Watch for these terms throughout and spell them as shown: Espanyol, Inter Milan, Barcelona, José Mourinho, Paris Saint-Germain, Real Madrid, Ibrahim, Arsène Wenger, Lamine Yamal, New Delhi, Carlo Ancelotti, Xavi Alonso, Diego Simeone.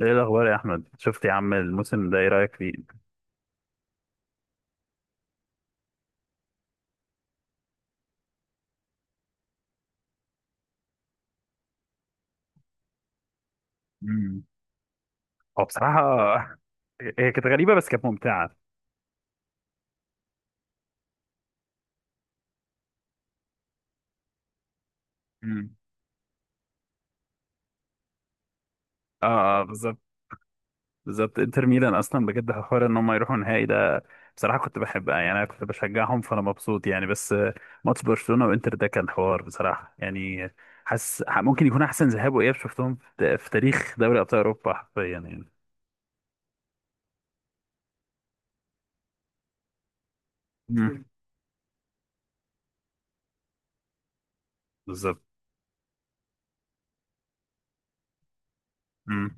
ايه الاخبار يا احمد؟ شفت يا عم الموسم ده؟ ايه رايك فيه؟ مم. هو بصراحه هي كانت غريبه بس كانت ممتعه. مم. اه، آه، بالظبط. بالظبط انتر ميلان اصلا بجد حوار ان هم يروحوا النهائي ده. بصراحه كنت بحبها يعني انا كنت بشجعهم فانا مبسوط يعني. بس ماتش برشلونه وانتر ده كان حوار بصراحه يعني. حاسس ممكن يكون احسن ذهاب واياب شفتهم في تاريخ دوري ابطال اوروبا حرفيا يعني. مم. بالظبط. مم.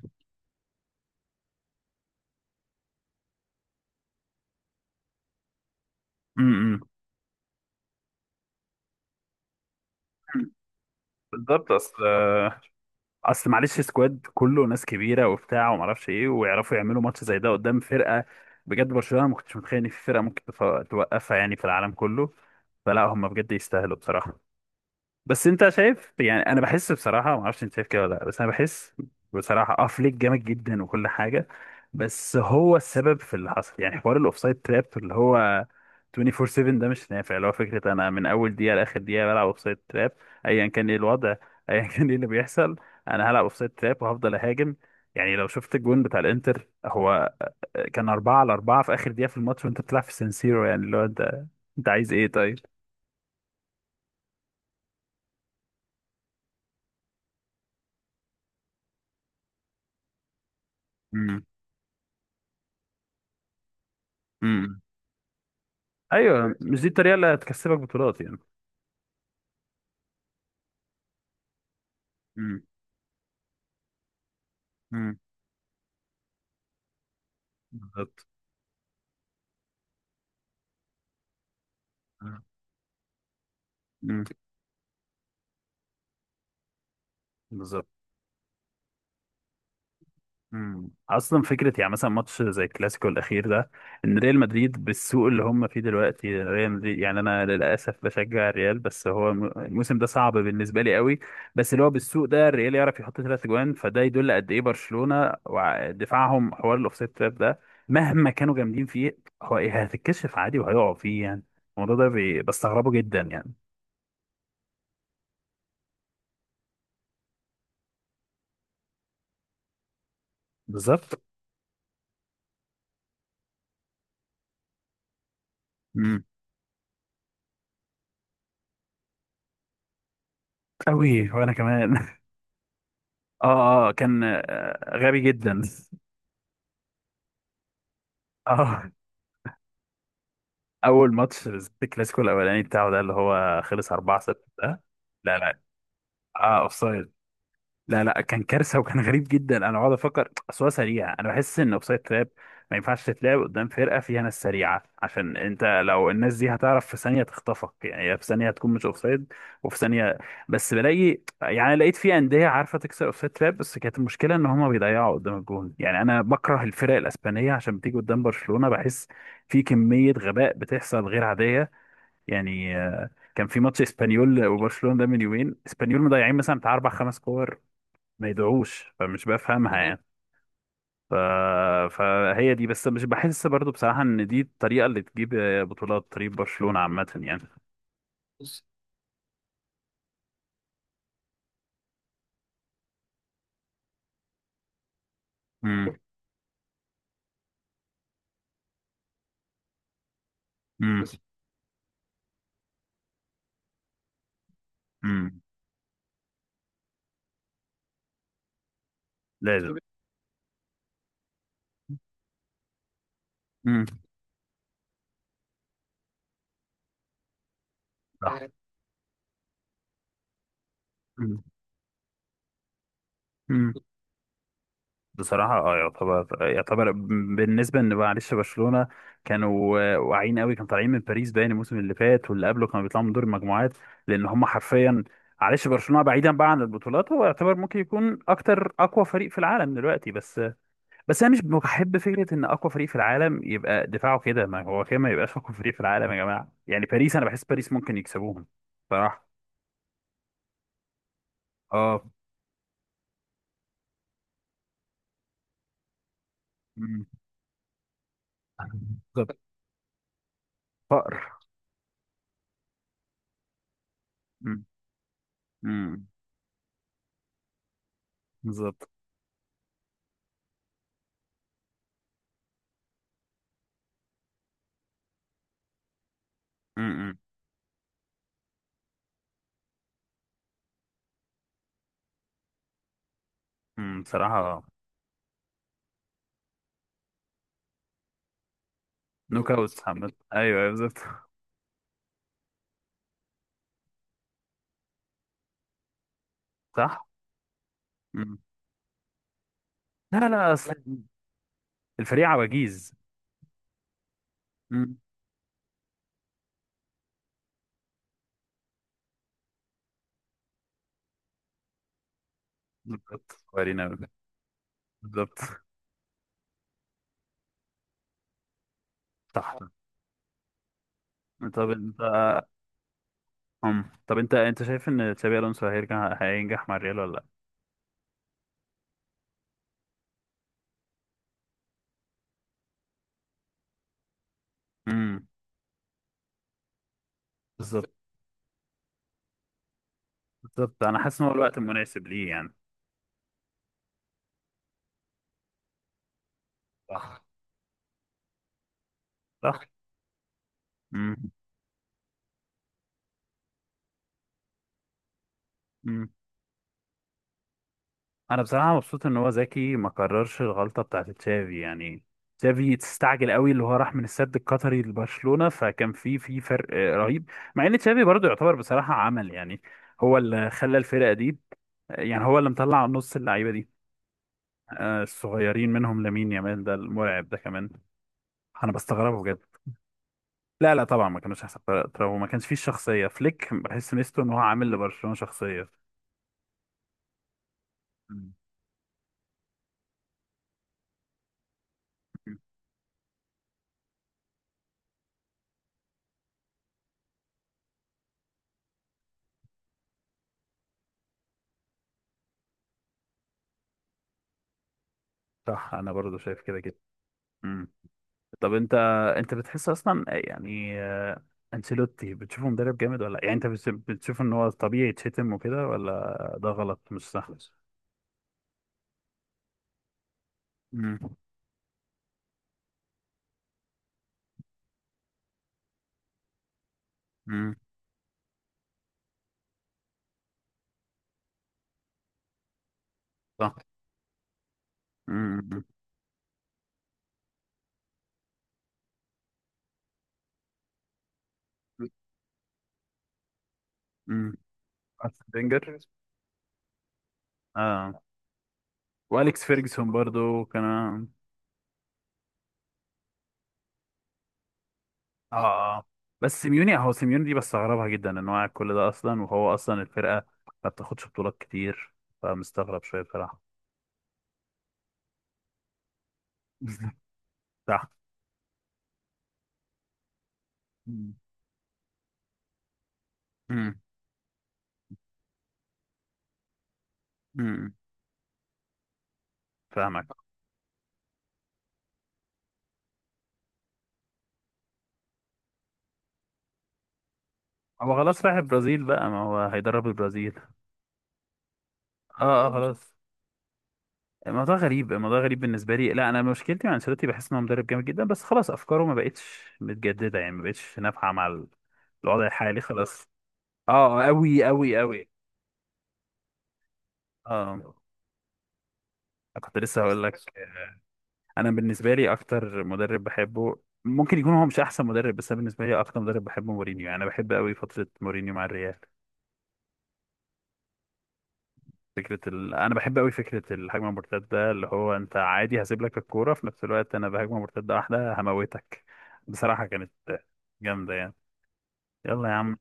مم. مم. بالظبط. اصل اصل معلش سكواد كله ناس كبيره وبتاع وما اعرفش ايه ويعرفوا يعملوا ماتش زي ده قدام فرقه. بجد برشلونه ما كنتش متخيل ان في فرقه ممكن توقفها يعني في العالم كله. فلا هم بجد يستاهلوا بصراحه. بس انت شايف يعني انا بحس بصراحه ما اعرفش انت شايف كده ولا لا بس انا بحس. بصراحه اه فليك جامد جدا وكل حاجه. بس هو السبب في اللي حصل يعني حوار الاوفسايد تراب اللي هو 24/7 ده مش نافع. اللي هو فكره انا من اول دقيقه لاخر دقيقه بلعب اوفسايد تراب ايا كان ايه الوضع ايا كان ايه اللي بيحصل انا هلعب اوفسايد تراب وهفضل اهاجم. يعني لو شفت الجون بتاع الانتر هو كان 4 على 4 في اخر دقيقه في الماتش وانت بتلعب في سانسيرو يعني اللي هو انت انت عايز ايه طيب؟ امم. ايوه مش دي الطريقه اللي هتكسبك بطولات يعني. امم. امم. بالظبط. امم. بالظبط. مم. اصلا فكره يعني مثلا ماتش زي الكلاسيكو الاخير ده ان ريال مدريد بالسوق اللي هم فيه دلوقتي. ريال مدريد يعني انا للاسف بشجع الريال بس هو الموسم ده صعب بالنسبه لي قوي. بس اللي هو بالسوق ده الريال يعرف يحط ثلاث اجوان. فده يدل قد ايه برشلونه ودفاعهم حوار الاوفسايد تراب ده مهما كانوا جامدين فيه هو إيه. هتتكشف عادي وهيقعوا فيه يعني. الموضوع ده بستغربه جدا يعني. بالظبط. امم. قوي وانا كمان اه، اه، كان غبي جدا. اه. اول ماتش بالذات الكلاسيكو الاولاني بتاعه ده اللي هو خلص 4-6 ده. لا لا. اه اوفسايد. لا لا كان كارثه وكان غريب جدا. انا بقعد افكر اصل هو سريع انا بحس ان اوفسايد تراب ما ينفعش تتلعب قدام فرقه فيها ناس سريعه عشان انت لو الناس دي هتعرف في ثانيه تخطفك يعني هي في ثانيه هتكون مش اوفسايد. وفي ثانيه بس بلاقي يعني لقيت في انديه عارفه تكسر اوفسايد تراب بس كانت المشكله ان هما بيضيعوا قدام الجون. يعني انا بكره الفرق الاسبانيه عشان بتيجي قدام برشلونه بحس في كميه غباء بتحصل غير عاديه يعني. كان في ماتش اسبانيول وبرشلونه ده من يومين اسبانيول مضيعين مثلا بتاع اربع خمس كور ما يدعوش فمش بفهمها. مم. يعني ف... فهي دي بس مش بحس برضو بصراحة ان دي الطريقة اللي تجيب بطولات طريق برشلونة عامة يعني. بص. امم. امم. بص. امم. لازم أسلوب. امم. صح. امم. امم. بصراحة اه يعتبر يعتبر بالنسبة ان معلش برشلونة كانوا واعيين قوي. كانوا طالعين من باريس باين الموسم اللي فات واللي قبله كانوا بيطلعوا من دور المجموعات لان هم حرفيا. معلش برشلونة بعيدا بقى عن البطولات هو يعتبر ممكن يكون اكتر اقوى فريق في العالم دلوقتي بس. بس انا مش بحب فكره ان اقوى فريق في العالم يبقى دفاعه كده ما هو كده ما يبقاش اقوى فريق في العالم يا جماعه يعني. باريس انا بحس باريس ممكن يكسبوهم صراحه. اه. أمم،. بالظبط. فقر. أمم،. أمم،. بالظبط. أمم،. أمم،. بصراحه. نوك اوت محمد ايوه. أيوة، بالظبط. صح. أمم. لا لا. اصل الفريق عواجيز. أمم،. بالظبط صغيرين أوي. بالظبط. صح. طب انت. أم. طب انت انت شايف ان تشابي الونسو هيرجع هينجح مع الريال ولا لا؟ امم. بالظبط. بالظبط انا حاسس ان هو الوقت المناسب ليه يعني. صح. صح. امم. امم. انا بصراحه مبسوط ان هو ذكي ما كررش الغلطه بتاعت تشافي يعني. تشافي تستعجل قوي اللي هو راح من السد القطري لبرشلونه فكان في فرق رهيب. مع ان تشافي برضو يعتبر بصراحه عمل يعني هو اللي خلى الفرقه دي. يعني هو اللي مطلع نص اللعيبه دي الصغيرين منهم لامين يامال ده المرعب ده كمان. انا بستغربه بجد. لا لا طبعا ما كانوش احسن فرقة. طب وما كانش فيه الشخصيه فليك؟ بحس ميزته ان هو عامل لبرشلونه شخصيه. مم. صح انا برضو شايف كده كده. مم. طب انت انت بتحس اصلا يعني انشيلوتي بتشوفه مدرب جامد ولا يعني انت بتشوف ان هو طبيعي يتشتم وكده ولا ده غلط مش صح؟ مم. مم. صح. مم. مم. أرسن فينجر. اه. واليكس فيرجسون برضو كان. اه. اه. بس سيميوني هو سيميوني دي بستغربها جدا ان هو قاعد كل ده اصلا وهو اصلا الفرقه ما بتاخدش بطولات كتير. فمستغرب شويه بصراحه. صح. امم. امم. فاهمك. هو خلاص رايح البرازيل بقى ما هو هيدرب البرازيل. اه اه خلاص. الموضوع غريب الموضوع غريب بالنسبه لي. لا انا مشكلتي مع انشيلوتي بحس ان هو مدرب جامد جدا بس خلاص افكاره ما بقتش متجدده يعني ما بقتش نافعه مع الوضع الحالي خلاص. اه قوي قوي قوي. اه كنت لسه هقول لك. انا بالنسبه لي اكتر مدرب بحبه. ممكن يكون هو مش احسن مدرب بس انا بالنسبه لي اكتر مدرب بحبه مورينيو يعني انا بحب قوي فتره مورينيو مع الريال. فكرة ال... أنا بحب أوي فكرة الهجمة المرتدة ده اللي هو أنت عادي هسيب لك الكورة في نفس الوقت أنا بهجمة مرتدة واحدة هموتك. بصراحة كانت جامدة يعني. يلا يا عم.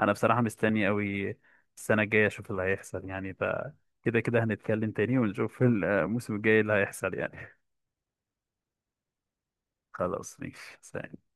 أنا بصراحة مستني أوي السنة الجاية أشوف اللي هيحصل يعني ف كده كده هنتكلم تاني ونشوف الموسم الجاي اللي هيحصل يعني. خلاص ماشي سلام.